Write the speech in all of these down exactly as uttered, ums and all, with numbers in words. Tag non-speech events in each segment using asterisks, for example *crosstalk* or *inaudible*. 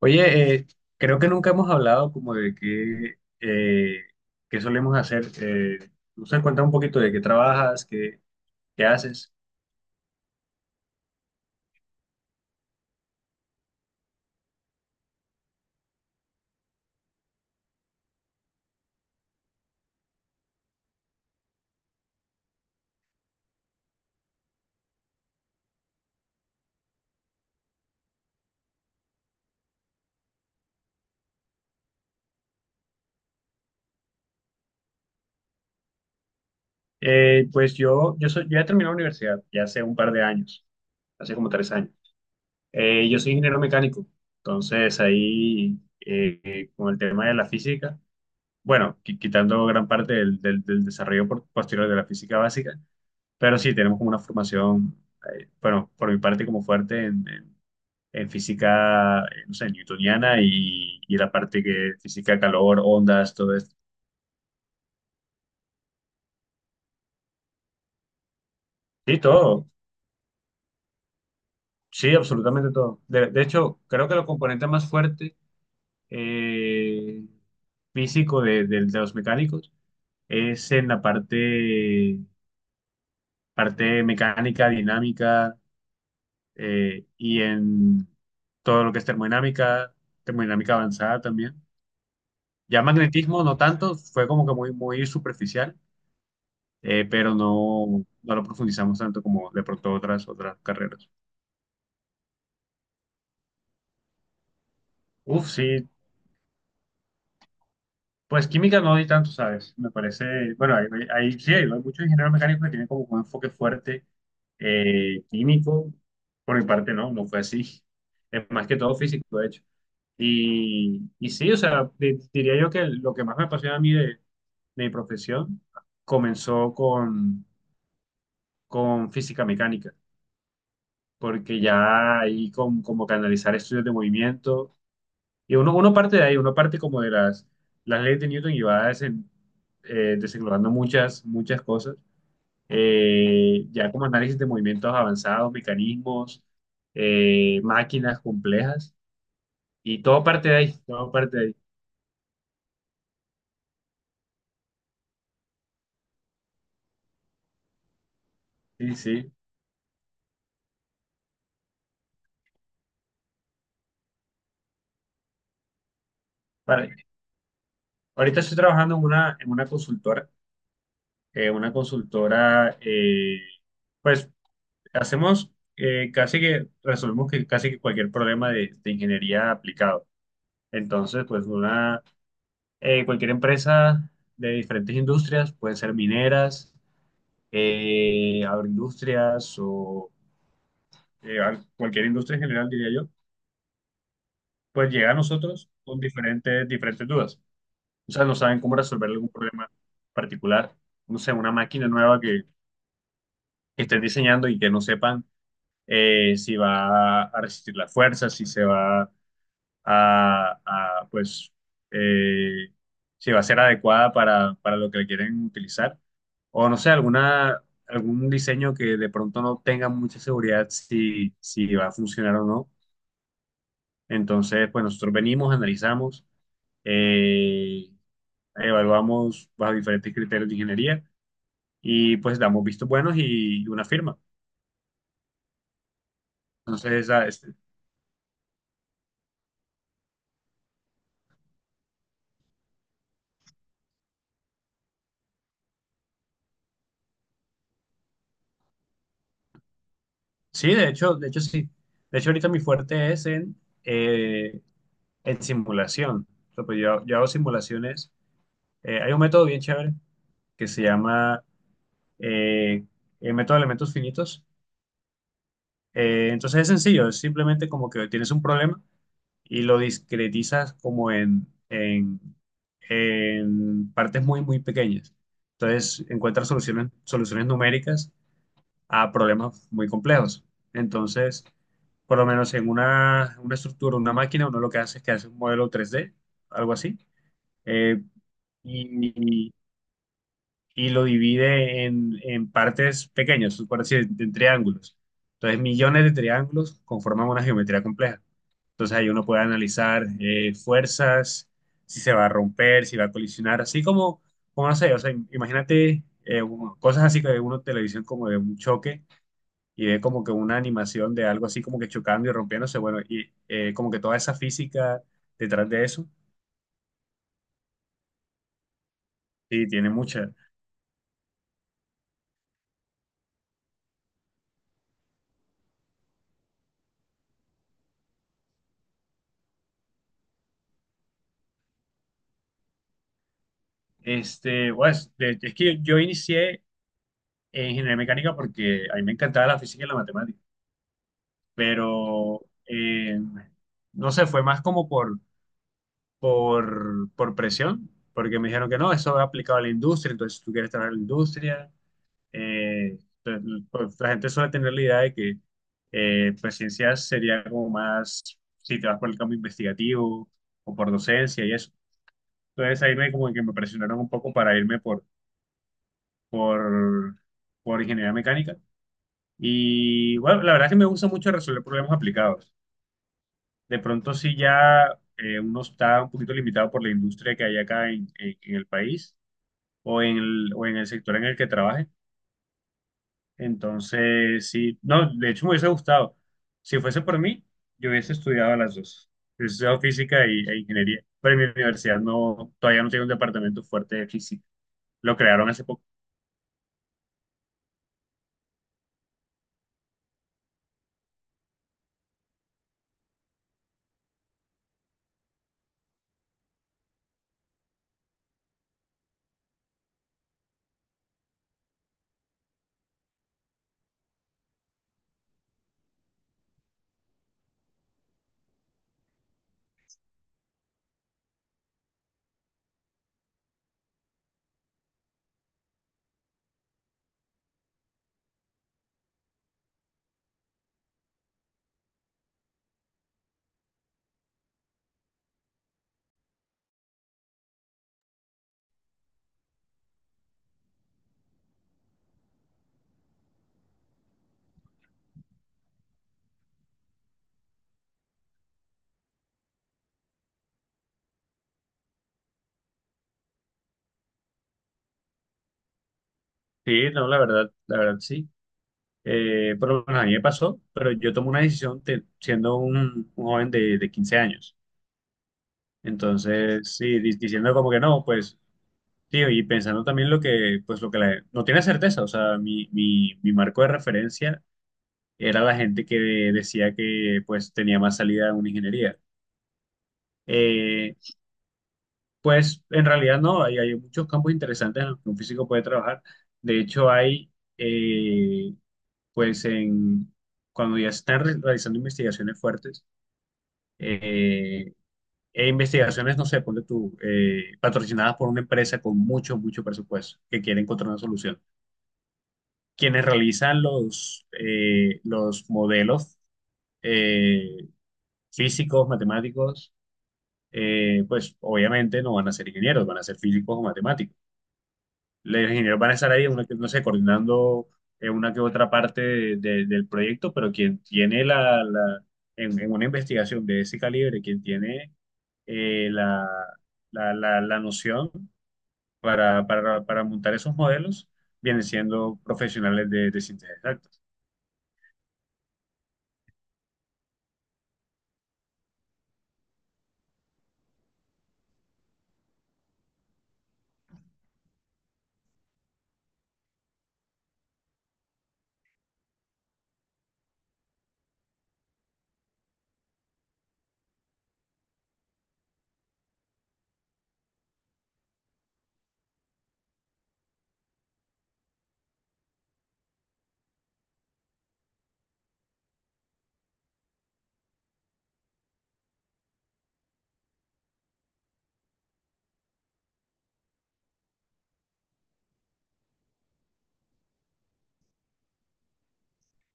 Oye, eh, creo que nunca hemos hablado como de qué, eh, qué solemos hacer. Eh, no sé, cuéntame un poquito de qué trabajas, qué, qué haces. Eh, pues yo, yo, soy, yo ya terminé la universidad, ya hace un par de años, hace como tres años. Eh, yo soy ingeniero mecánico, entonces ahí eh, eh, con el tema de la física, bueno, qui- quitando gran parte del, del- del desarrollo por- posterior de la física básica, pero sí tenemos como una formación, eh, bueno, por mi parte como fuerte en física, eh, no sé, newtoniana y, y la parte que física, calor, ondas, todo esto. Sí, todo. Sí, absolutamente todo. De, de hecho, creo que el componente más fuerte eh, físico de, de- de los mecánicos es en la parte, parte mecánica, dinámica eh, y en todo lo que es termodinámica, termodinámica avanzada también. Ya magnetismo no tanto, fue como que muy, muy superficial, eh, pero no, no lo profundizamos tanto como de pronto otras, otras carreras. Uf, sí, pues química no di tanto, ¿sabes? Me parece, bueno, hay, hay- hay- sí, hay, hay muchos ingenieros mecánicos que tienen como un enfoque fuerte, eh, químico, por mi parte no, no fue así. Es más que todo físico, de hecho. Y, y sí, o sea, di- diría yo que lo que más me apasiona a mí de, de mi profesión comenzó con, con física mecánica, porque ya ahí con, como canalizar estudios de movimiento. Y uno, uno parte de ahí, uno parte como de las, las leyes de Newton y va desen- eh, desenglosando muchas, muchas cosas. Eh, ya como análisis de movimientos avanzados, mecanismos, eh, máquinas complejas. Y todo parte de ahí, todo parte de ahí. Sí, sí. Para- Ahorita estoy trabajando en una, en una consultora. eh, una consultora, eh, pues hacemos, eh, casi que, resolvemos que casi que cualquier problema de, de ingeniería aplicado. Entonces, pues una, eh, cualquier empresa de diferentes industrias, pueden ser mineras, eh, agroindustrias o eh, al- cualquier industria en general, diría yo, pues llega a nosotros con diferentes, diferentes dudas. O sea, no saben cómo resolver algún problema particular, no sé, una máquina nueva que, que estén diseñando y que no sepan, eh, si va a resistir la fuerza, si se va a, a, pues, eh, si va a ser adecuada para, para lo que le quieren utilizar. O no sé, alguna, algún diseño que de pronto no tenga mucha seguridad si, si va a funcionar o no. Entonces, pues nosotros venimos, analizamos, eh, evaluamos bajo diferentes criterios de ingeniería y pues damos vistos buenos y una firma. Entonces, esa- es- sí, de hecho, de hecho sí. De hecho, ahorita mi fuerte es en, eh, en simulación. O sea, pues yo, yo hago simulaciones. Eh, hay un método bien chévere que se llama, eh, el método de elementos finitos. Eh, entonces es sencillo, es simplemente como que tienes un problema y lo discretizas como en, en, en partes muy, muy pequeñas. Entonces encuentras soluciones, soluciones numéricas a problemas muy complejos. Entonces, por lo menos en una, una estructura, una máquina, uno lo que hace es que hace un modelo tres D, algo así. Eh, y, y lo divide en, en partes pequeñas, por así decir, en triángulos. Entonces, millones de triángulos conforman una geometría compleja. Entonces, ahí uno puede analizar eh, fuerzas, si se va a romper, si va a colisionar, así como, como no sé, o sea, imagínate, eh, un- cosas así que ve uno en televisión como de un choque y ve como que una animación de algo así como que chocando y rompiéndose, bueno, y eh, como que toda esa física detrás de eso, sí, tiene mucha. Este, pues, de- es que yo inicié en ingeniería mecánica porque a mí me encantaba la física y la matemática, pero eh, no sé, fue más como por, por, por presión, porque me dijeron que no, eso es aplicado a la industria, entonces si tú quieres trabajar en la industria. eh, pues, pues, la gente suele tener la idea de que eh, pues ciencias sería como más si te vas por el campo investigativo o por docencia y eso. Entonces ahí me como que me presionaron un poco para irme por por, por ingeniería mecánica. Y bueno, la verdad es que me gusta mucho resolver problemas aplicados. De pronto sí ya eh, uno está un poquito limitado por la industria que hay acá en, en- en el país o en el, o en el sector en el que trabaje. Entonces sí, no, de hecho me hubiese gustado. Si fuese por mí, yo hubiese estudiado las dos. Hubiese estudiado física y, e ingeniería. Pero en mi universidad no, todavía no tiene un departamento fuerte de física. Lo crearon hace poco. Sí, no, la verdad, la verdad sí. Eh, por lo menos a mí me pasó, pero yo tomé una decisión te- siendo un, un joven de, de quince años. Entonces, sí, di- diciendo como que no, pues, tío y pensando también lo que, pues, lo que la- no tiene certeza, o sea, mi, mi, mi marco de referencia era la gente que decía que, pues, tenía más salida en una ingeniería. Eh, pues, en realidad no, hay, hay muchos campos interesantes en los que un físico puede trabajar. De hecho, hay, eh, pues, en, cuando ya están re- realizando investigaciones fuertes, eh, e investigaciones, no sé, ponle tú, eh, patrocinadas por una empresa con mucho, mucho presupuesto que quiere encontrar una solución. Quienes realizan los, eh, los modelos, eh, físicos, matemáticos, eh, pues obviamente no van a ser ingenieros, van a ser físicos o matemáticos. Los ingenieros van a estar ahí, una que- no sé, coordinando, eh, una que otra parte de- de- del proyecto, pero quien tiene la, la- en, en una investigación de ese calibre, quien tiene eh, la, la, la, la noción para, para, para montar esos modelos, vienen siendo profesionales de, de ciencias exactas.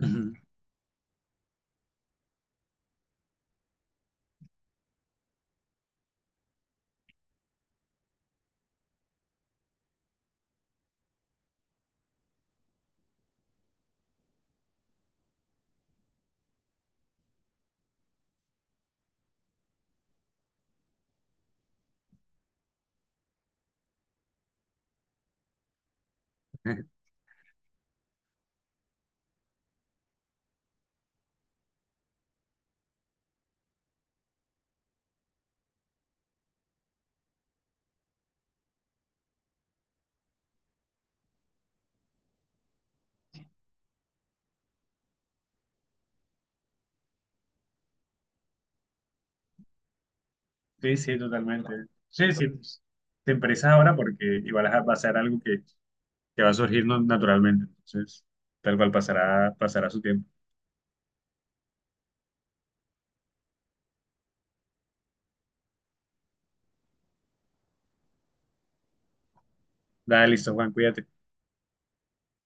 Ujú. *laughs* Sí, sí, totalmente. Sí, sí, pues, te empresas ahora porque igual va a ser algo que, que va a surgir no- naturalmente, entonces tal cual pasará, pasará su tiempo. Dale, listo, Juan, cuídate.